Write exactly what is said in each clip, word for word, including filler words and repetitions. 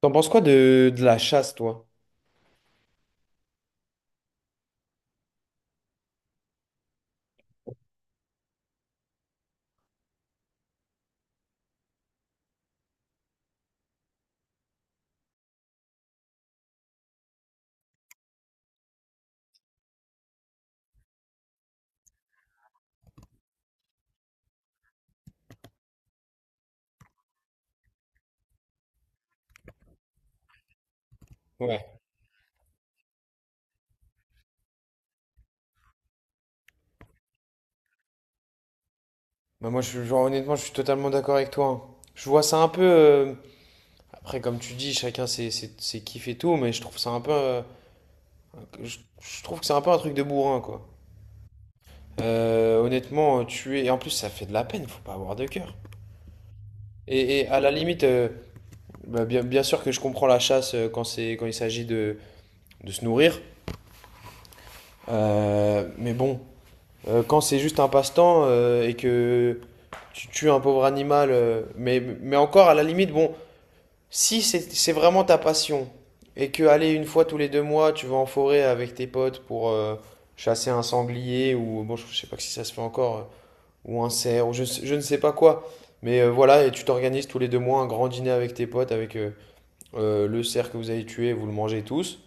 T'en penses quoi de, de la chasse, toi? Ouais. Bah moi, je, genre, honnêtement, je suis totalement d'accord avec toi, hein. Je vois ça un peu. euh, Après, comme tu dis, chacun ses, ses, ses kiffs et tout, mais je trouve ça un peu. euh, Je, je trouve que c'est un peu un truc de bourrin, quoi. Euh, honnêtement, euh, tuer. Et en plus, ça fait de la peine, faut pas avoir de cœur. Et, et à la limite, euh, bah, bien, bien sûr que je comprends la chasse, euh, quand c'est, quand il s'agit de, de se nourrir. Euh, mais bon. Euh, quand c'est juste un passe-temps, euh, et que tu tues un pauvre animal, euh, mais, mais encore à la limite, bon, si c'est c'est vraiment ta passion et que aller une fois tous les deux mois, tu vas en forêt avec tes potes pour, euh, chasser un sanglier ou bon, je sais pas si ça se fait encore, euh, ou un cerf, ou je, je ne sais pas quoi. Mais euh, voilà, et tu t'organises tous les deux mois un grand dîner avec tes potes, avec, euh, euh, le cerf que vous avez tué, vous le mangez tous.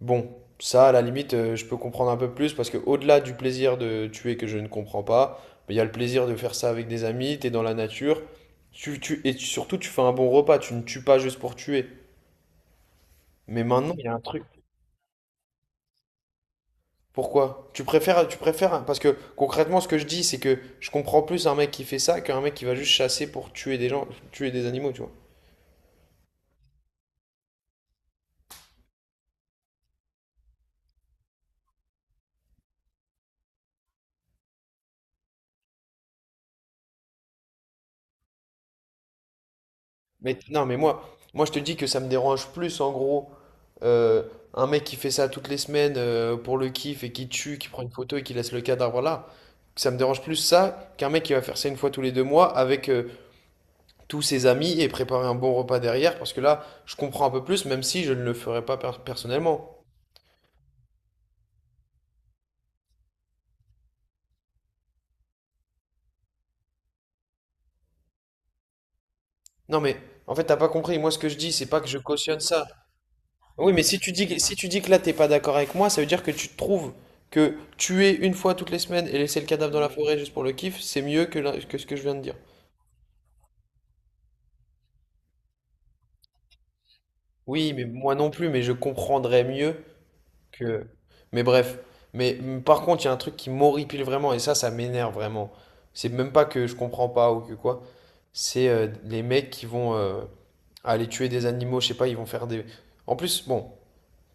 Bon, ça, à la limite, euh, je peux comprendre un peu plus parce que au-delà du plaisir de tuer que je ne comprends pas, mais il y a le plaisir de faire ça avec des amis, t'es dans la nature, tu, tu- et tu- surtout tu fais un bon repas, tu ne tues pas juste pour tuer. Mais maintenant, il y a un truc. Pourquoi? Tu préfères, tu préfères, parce que concrètement, ce que je dis, c'est que je comprends plus un mec qui fait ça qu'un mec qui va juste chasser pour tuer des gens, tuer des animaux, tu vois. Mais non, mais moi, moi je te dis que ça me dérange plus en gros, euh, un mec qui fait ça toutes les semaines, euh, pour le kiff et qui tue, qui prend une photo et qui laisse le cadavre là. Ça me dérange plus ça qu'un mec qui va faire ça une fois tous les deux mois avec, euh, tous ses amis et préparer un bon repas derrière parce que là, je comprends un peu plus même si je ne le ferais pas per- personnellement. Non mais en fait, t'as pas compris. Moi, ce que je dis, c'est pas que je cautionne ça. Oui, mais si tu dis que, si tu dis que là, t'es pas d'accord avec moi, ça veut dire que tu trouves que tuer une fois toutes les semaines et laisser le cadavre dans la forêt juste pour le kiff, c'est mieux que, la- que ce que je viens de dire. Oui, mais moi non plus, mais je comprendrais mieux que. Mais bref. Mais mm, par contre, il y a un truc qui m'horripile vraiment, et ça, ça m'énerve vraiment. C'est même pas que je comprends pas ou que quoi. C'est, euh, les mecs qui vont, euh, aller tuer des animaux, je sais pas, ils vont faire des. En plus, bon,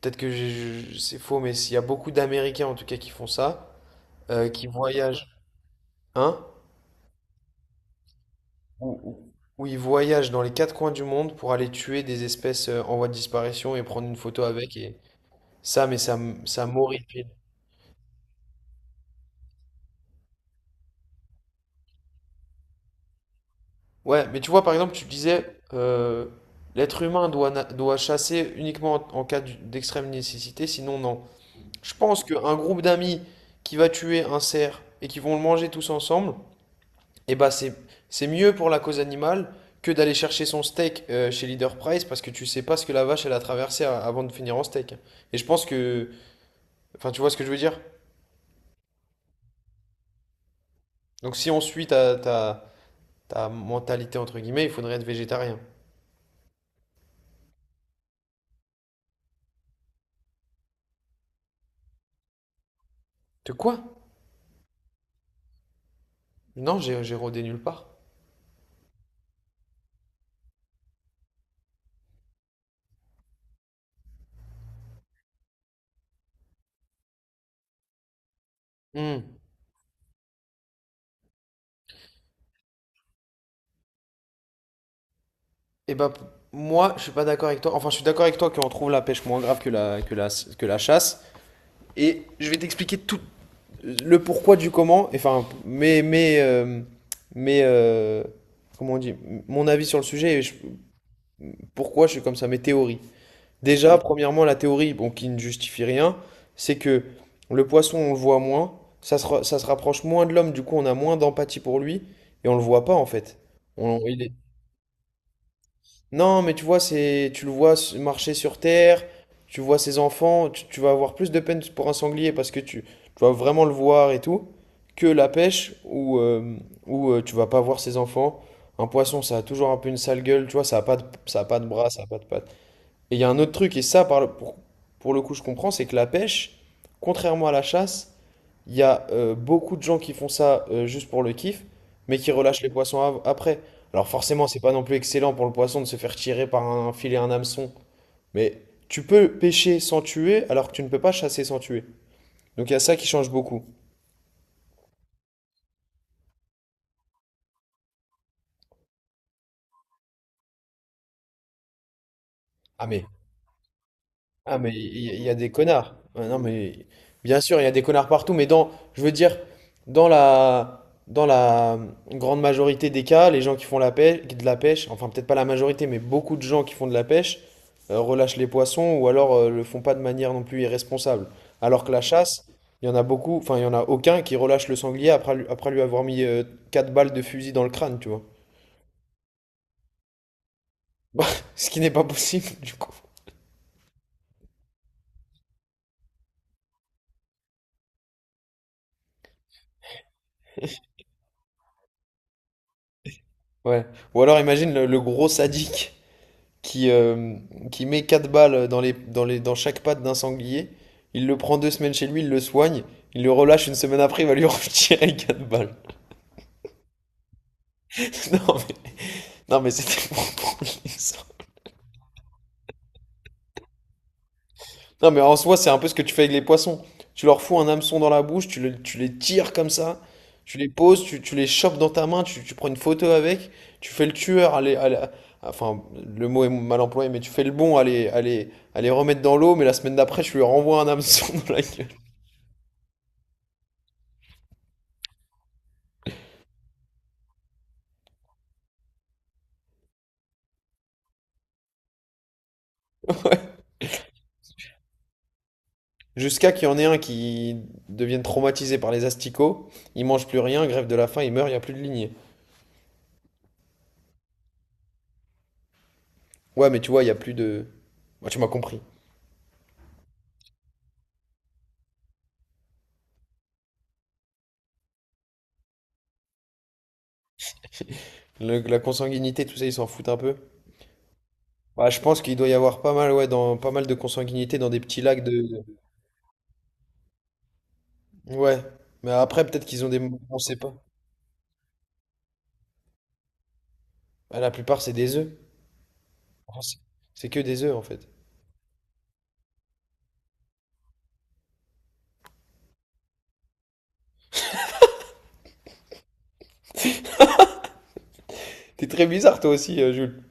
peut-être que j'ai- je- c'est faux, mais s'il y a beaucoup d'Américains en tout cas qui font ça, euh, qui voyagent. Hein? Où, où- où ils voyagent dans les quatre coins du monde pour aller tuer des espèces, euh, en voie de disparition et prendre une photo avec et ça, mais ça, m- ça m'horripile. Ouais, mais tu vois, par exemple, tu disais, euh, l'être humain doit, na- doit chasser uniquement en, en cas d'u- d'extrême nécessité, sinon non. Je pense qu'un groupe d'amis qui va tuer un cerf et qui vont le manger tous ensemble, et bah c'est c'est mieux pour la cause animale que d'aller chercher son steak, euh, chez Leader Price parce que tu sais pas ce que la vache elle a traversé a- avant de finir en steak. Et je pense que. Enfin, tu vois ce que je veux dire? Donc si on suit ta, ta, ta mentalité entre guillemets, il faudrait être végétarien. De quoi? Non, j'ai j'ai rodé nulle part. Hmm. Et bah p- moi je suis pas d'accord avec toi. Enfin je suis d'accord avec toi qu'on trouve la pêche moins grave que la, que la, que la chasse. Et je vais t'expliquer tout, le pourquoi du comment, enfin, mais, mais, euh, mais, euh, comment on dit, mon avis sur le sujet et je- pourquoi je suis comme ça, mes théories. Déjà, premièrement, la théorie, bon, qui ne justifie rien, c'est que le poisson, on le voit moins, ça se, ra- ça se rapproche moins de l'homme, du coup, on a moins d'empathie pour lui et on le voit pas en fait. On, il Non, mais tu vois, c'est, tu le vois s- marcher sur terre, tu vois ses enfants, tu, tu vas avoir plus de peine pour un sanglier parce que tu, tu vas vraiment le voir et tout, que la pêche où, euh, où euh, tu vas pas voir ses enfants. Un poisson, ça a toujours un peu une sale gueule, tu vois, ça a pas de, ça a pas de bras, ça a pas de pattes. Et il y a un autre truc, et ça, par le- pour, pour le coup, je comprends, c'est que la pêche, contrairement à la chasse, il y a, euh, beaucoup de gens qui font ça, euh, juste pour le kiff, mais qui relâchent les poissons av- après. Alors forcément, c'est pas non plus excellent pour le poisson de se faire tirer par un filet, un hameçon. Mais tu peux pêcher sans tuer, alors que tu ne peux pas chasser sans tuer. Donc il y a ça qui change beaucoup. Ah mais Ah, mais il y, il y a des connards. Ah, non, mais bien sûr, il y a des connards partout, mais dans, je veux dire, dans la, dans la grande majorité des cas, les gens qui font la pêche, de la pêche, enfin peut-être pas la majorité, mais beaucoup de gens qui font de la pêche, euh, relâchent les poissons ou alors, euh, le font pas de manière non plus irresponsable. Alors que la chasse, il y en a beaucoup, enfin il y en a aucun qui relâche le sanglier après, lui- après lui avoir mis, euh, quatre balles de fusil dans le crâne, tu vois. Ce qui n'est pas possible, du coup. Ouais. Ou alors imagine le le gros sadique qui, euh, qui met quatre balles dans, les, dans, les, dans chaque patte d'un sanglier. Il le prend deux semaines chez lui, il le soigne, il le relâche une semaine après, il va lui retirer quatre balles. Non mais, non mais c'était pour prendre l'exemple. Non mais en soi, c'est un peu ce que tu fais avec les poissons. Tu leur fous un hameçon dans la bouche, tu, le- tu les tires comme ça, tu les poses, tu, tu les chopes dans ta main, tu, tu prends une photo avec, tu fais le tueur, à les- à la- enfin le mot est mal employé, mais tu fais le bon à les, à les- à les remettre dans l'eau, mais la semaine d'après, tu lui renvoies un hameçon dans la gueule. Jusqu'à qu'il y en ait un qui devienne traumatisé par les asticots, il mange plus rien, grève de la faim, il meurt, il n'y a plus de lignée. Ouais, mais tu vois, il n'y a plus de. Ouais, tu m'as compris. Le- la consanguinité, tout ça, ils s'en foutent un peu. Ouais, je pense qu'il doit y avoir pas mal, ouais, dans, pas mal de consanguinité dans des petits lacs de. Ouais. Mais après, peut-être qu'ils ont des. On sait pas. Bah, la plupart, c'est des œufs. Enfin, c'est c'est que des œufs, en fait. T'es très bizarre, toi aussi, euh, Jules.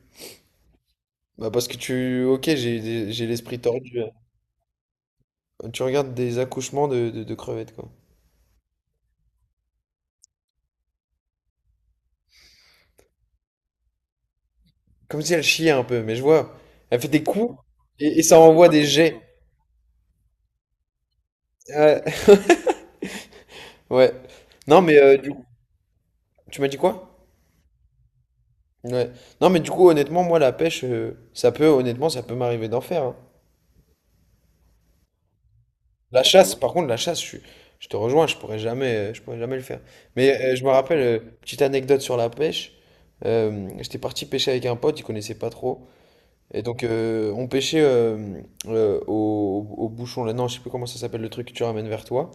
Bah, parce que tu. Ok, j'ai j'ai l'esprit tordu. Tu regardes des accouchements de, de, de crevettes, quoi. Comme si elle chiait un peu, mais je vois. Elle fait des coups et, et ça envoie des jets. Ouais. Ouais. Non, mais, euh, du coup, tu m'as dit quoi? Ouais. Non, mais du coup, honnêtement, moi, la pêche, euh, ça peut, honnêtement, ça peut m'arriver d'en faire, hein. La chasse, par contre, la chasse, je, suis- je te rejoins, je pourrais jamais, euh, je pourrais jamais le faire. Mais, euh, je me rappelle, euh, petite anecdote sur la pêche. euh, j'étais parti pêcher avec un pote, il connaissait pas trop. Et donc, euh, on pêchait, euh, euh, au, au bouchon, là, non, je sais plus comment ça s'appelle le truc que tu ramènes vers toi.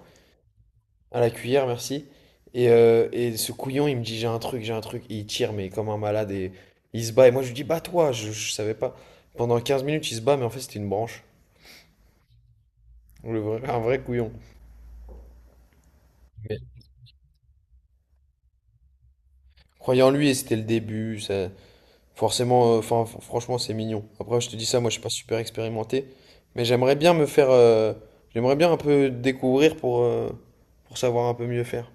À la cuillère, merci. Et, euh, et ce couillon, il me dit, j'ai un truc, j'ai un truc. Et il tire, mais comme un malade. Et il se bat. Et moi, je lui dis, bats-toi. Je, je savais pas. Pendant quinze minutes, il se bat, mais en fait, c'était une branche. Le vrai- un vrai couillon. Mais croyant en lui, et c'était le début. Ça. Forcément, euh, enfin, f- franchement, c'est mignon. Après, je te dis ça, moi, je suis pas super expérimenté. Mais j'aimerais bien me faire. euh, J'aimerais bien un peu découvrir pour, euh, pour savoir un peu mieux faire.